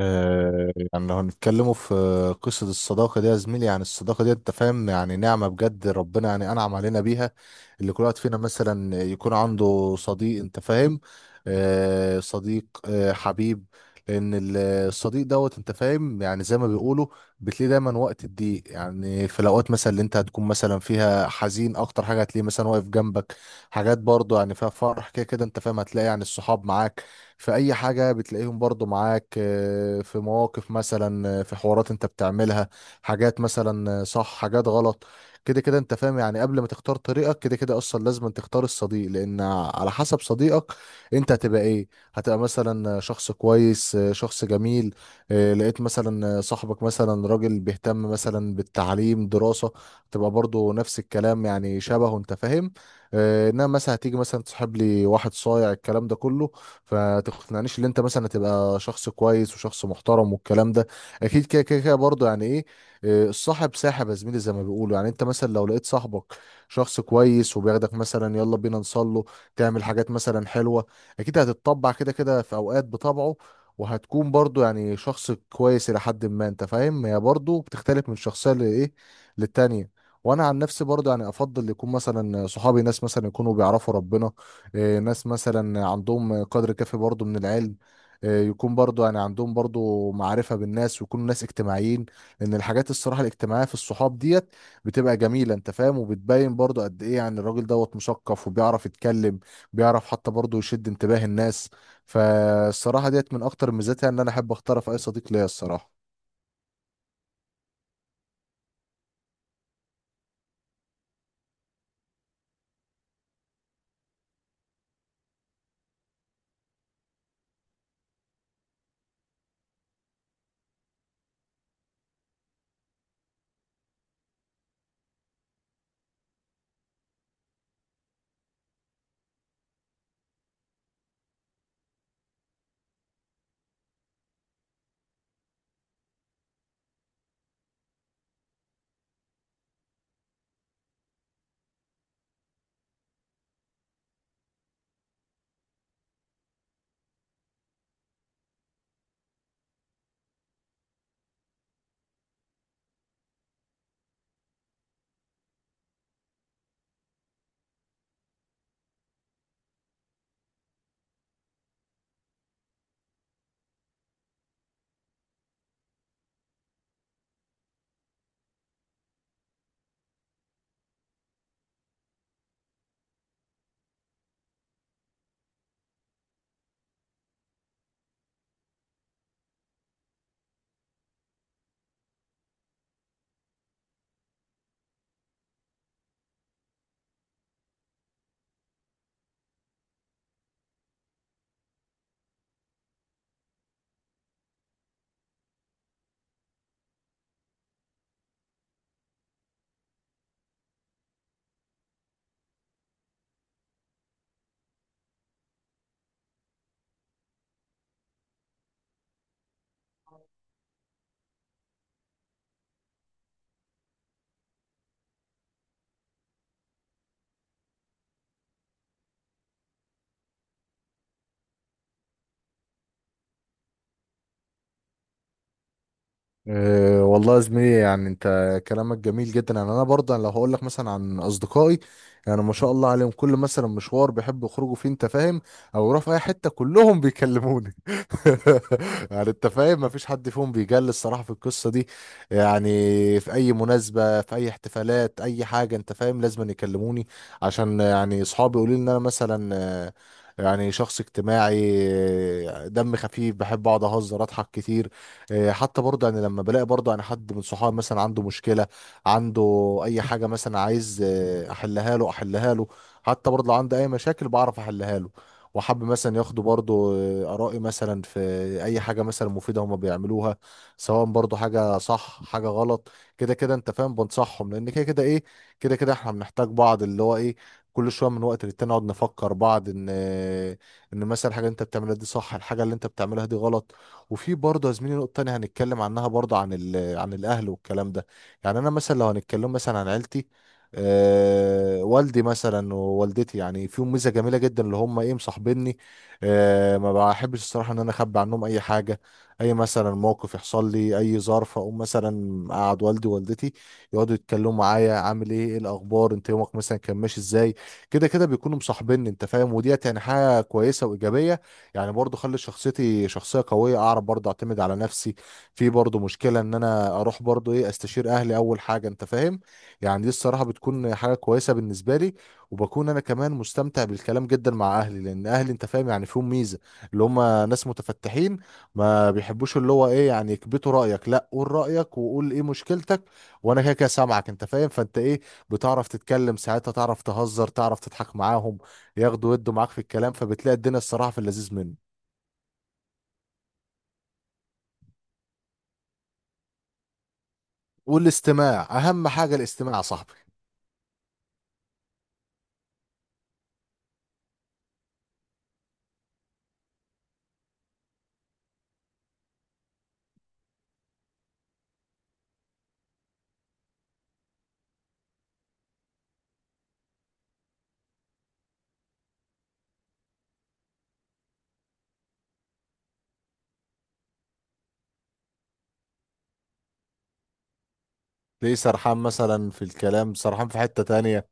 يعني لو هنتكلموا في قصة الصداقة دي يا زميلي. يعني الصداقة دي انت فاهم، يعني نعمة بجد، ربنا يعني أنعم علينا بيها، اللي كل واحد فينا مثلا يكون عنده صديق انت فاهم. صديق، حبيب. لأن الصديق دوت انت فاهم، يعني زي ما بيقولوا بتلاقيه دايما وقت الضيق. يعني في الأوقات مثلا اللي انت هتكون مثلا فيها حزين، أكتر حاجة هتلاقيه مثلا واقف جنبك. حاجات برضه يعني فيها فرح، كده كده انت فاهم هتلاقي يعني الصحاب معاك في اي حاجة، بتلاقيهم برضو معاك في مواقف مثلا، في حوارات انت بتعملها، حاجات مثلا صح، حاجات غلط. كده كده انت فاهم، يعني قبل ما تختار طريقك كده كده اصلا لازم أن تختار الصديق، لان على حسب صديقك انت هتبقى ايه. هتبقى مثلا شخص كويس، شخص جميل. لقيت مثلا صاحبك مثلا راجل بيهتم مثلا بالتعليم دراسة، تبقى برضو نفس الكلام يعني شبهه انت فاهم. انما مثلا هتيجي مثلا تصاحب لي واحد صايع الكلام ده كله، فتقنعنيش ان انت مثلا تبقى شخص كويس وشخص محترم والكلام ده، اكيد كده كده برضه يعني ايه، الصاحب ساحب يا زميلي زي ما بيقولوا. يعني انت مثلا لو لقيت صاحبك شخص كويس وبياخدك مثلا يلا بينا نصله، تعمل حاجات مثلا حلوة، اكيد هتتطبع كده كده في اوقات بطبعه، وهتكون برضو يعني شخص كويس الى حد ما انت فاهم. هي برضو بتختلف من شخصية لايه للتانية. وانا عن نفسي برضو يعني افضل يكون مثلا صحابي ناس مثلا يكونوا بيعرفوا ربنا، ناس مثلا عندهم قدر كافي برضو من العلم، يكون برضو يعني عندهم برضو معرفة بالناس ويكونوا ناس اجتماعيين. لأن الحاجات الصراحة الاجتماعية في الصحاب ديت بتبقى جميلة أنت فاهم، وبتبين برضو قد إيه يعني الراجل دوت مثقف وبيعرف يتكلم، بيعرف حتى برضو يشد انتباه الناس. فالصراحة ديت من أكتر ميزاتها إن أنا أحب أختار في أي صديق ليا الصراحة. أه والله يا زميلي، يعني انت كلامك جميل جدا. يعني انا برضه يعني لو هقول لك مثلا عن اصدقائي، يعني ما شاء الله عليهم كل مثلا مشوار بيحبوا يخرجوا فيه انت فاهم، او يروحوا في اي حته كلهم بيكلموني. يعني انت فاهم ما فيش حد فيهم بيجل الصراحه في القصه دي. يعني في اي مناسبه، في اي احتفالات، اي حاجه انت فاهم لازم يكلموني. عشان يعني اصحابي يقولوا لي ان انا مثلا يعني شخص اجتماعي، دم خفيف بحب اقعد اهزر اضحك كتير. حتى برضه يعني لما بلاقي برضه يعني حد من صحابي مثلا عنده مشكلة، عنده أي حاجة مثلا عايز أحلها له، أحلها له. حتى برضه لو عنده أي مشاكل بعرف أحلها له. وحابب مثلا ياخدوا برضه آرائي مثلا في أي حاجة مثلا مفيدة هما بيعملوها، سواء برضه حاجة صح حاجة غلط. كده كده أنت فاهم بنصحهم، لأن كده كده إيه، كده كده إحنا بنحتاج بعض اللي هو إيه، كل شوية من وقت للتاني نقعد نفكر بعض إن إن مثلا الحاجة اللي أنت بتعملها دي صح، الحاجة اللي أنت بتعملها دي غلط. وفي برضه يا زميلي نقطة تانية هنتكلم عنها برضه عن عن الأهل والكلام ده. يعني أنا مثلا لو هنتكلم مثلا عن عيلتي، أه والدي مثلا ووالدتي يعني فيهم ميزة جميلة جدا اللي هم إيه مصاحبيني. أه ما بحبش الصراحة إن أنا أخبي عنهم أي حاجة. أي مثلا موقف يحصل لي، أي ظرف، أقوم مثلا أقعد والدي ووالدتي يقعدوا يتكلموا معايا عامل إيه، إيه الأخبار، أنت يومك مثلا كان ماشي إزاي. كده كده بيكونوا مصاحبيني أنت فاهم، وديت يعني حاجة كويسة وإيجابية. يعني برضو خلي شخصيتي شخصية قوية، اعرف برضو اعتمد على نفسي، في برضو مشكلة ان انا اروح برضو ايه استشير اهلي اول حاجة انت فاهم. يعني دي الصراحة بتكون حاجة كويسة بالنسبة لي. وبكون انا كمان مستمتع بالكلام جدا مع اهلي، لان اهلي انت فاهم يعني فيهم ميزة اللي هم ناس متفتحين، ما بيحبوش اللي هو ايه يعني يكبتوا رأيك. لا قول رأيك وقول ايه مشكلتك، وانا كده كده سامعك انت فاهم. فانت ايه بتعرف تتكلم ساعتها، تعرف تهزر، تعرف تضحك معاهم، ياخدوا يدوا معاك في الكلام، فبتلاقي الدنيا الصراحة في اللذيذ منه. والاستماع اهم حاجه، الاستماع يا صاحبي. ليه سرحان مثلا في الكلام، سرحان في حته تانية.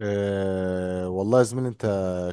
أه والله يا زميلي، انت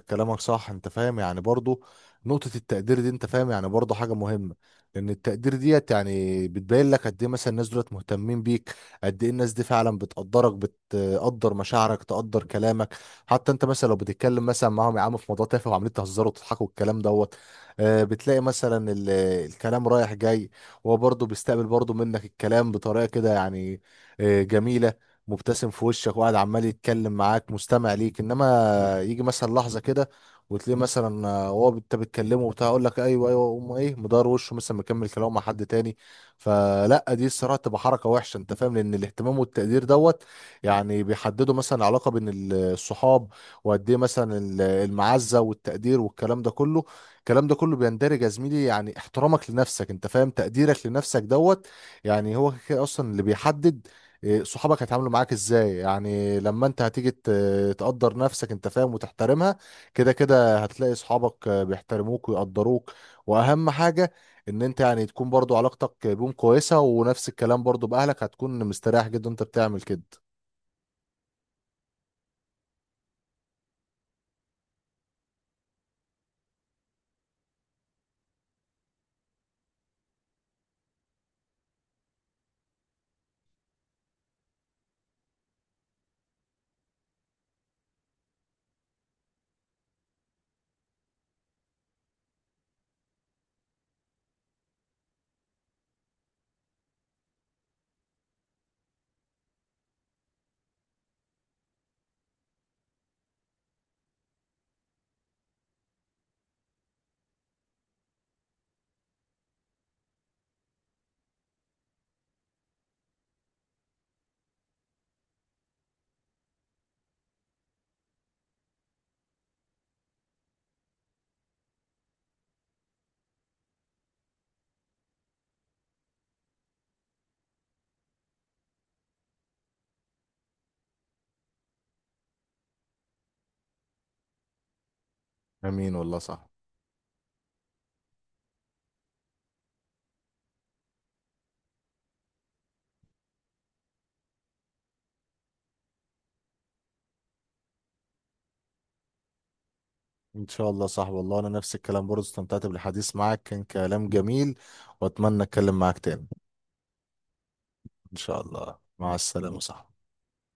كلامك صح انت فاهم. يعني برضو نقطة التقدير دي انت فاهم يعني برضو حاجة مهمة. لان التقدير ديت يعني بتبين لك قد ايه مثلا الناس دولت مهتمين بيك، قد ايه الناس دي فعلا بتقدرك، بتقدر مشاعرك، تقدر كلامك. حتى انت مثلا لو بتتكلم مثلا معاهم يا عم في موضوع تافه وعمالين تهزروا وتضحكوا والكلام دوت، أه بتلاقي مثلا الكلام رايح جاي، وهو برضو بيستقبل برضو منك الكلام بطريقة كده يعني أه جميلة، مبتسم في وشك وقاعد عمال يتكلم معاك مستمع ليك. انما يجي مثلا لحظه كده وتلاقيه مثلا هو انت بتكلمه وبتاع يقول لك ايوه ايوه، وأقوم ايه مدار وشه مثلا مكمل كلامه مع حد تاني. فلا دي الصراحه تبقى حركه وحشه انت فاهم. لان الاهتمام والتقدير دوت يعني بيحددوا مثلا علاقه بين الصحاب، وقد ايه مثلا المعزه والتقدير والكلام ده كله. الكلام ده كله بيندرج يا زميلي، يعني احترامك لنفسك انت فاهم، تقديرك لنفسك دوت يعني هو كده اصلا اللي بيحدد صحابك هيتعاملوا معاك ازاي. يعني لما انت هتيجي تقدر نفسك انت فاهم وتحترمها، كده كده هتلاقي صحابك بيحترموك ويقدروك. واهم حاجة ان انت يعني تكون برضو علاقتك بيهم كويسة، ونفس الكلام برضو باهلك هتكون مستريح جدا انت بتعمل كده. امين والله صح. ان شاء الله صح، والله انا نفس الكلام برضو استمتعت بالحديث معاك، كان كلام جميل واتمنى اتكلم معاك تاني. ان شاء الله، مع السلامة صح.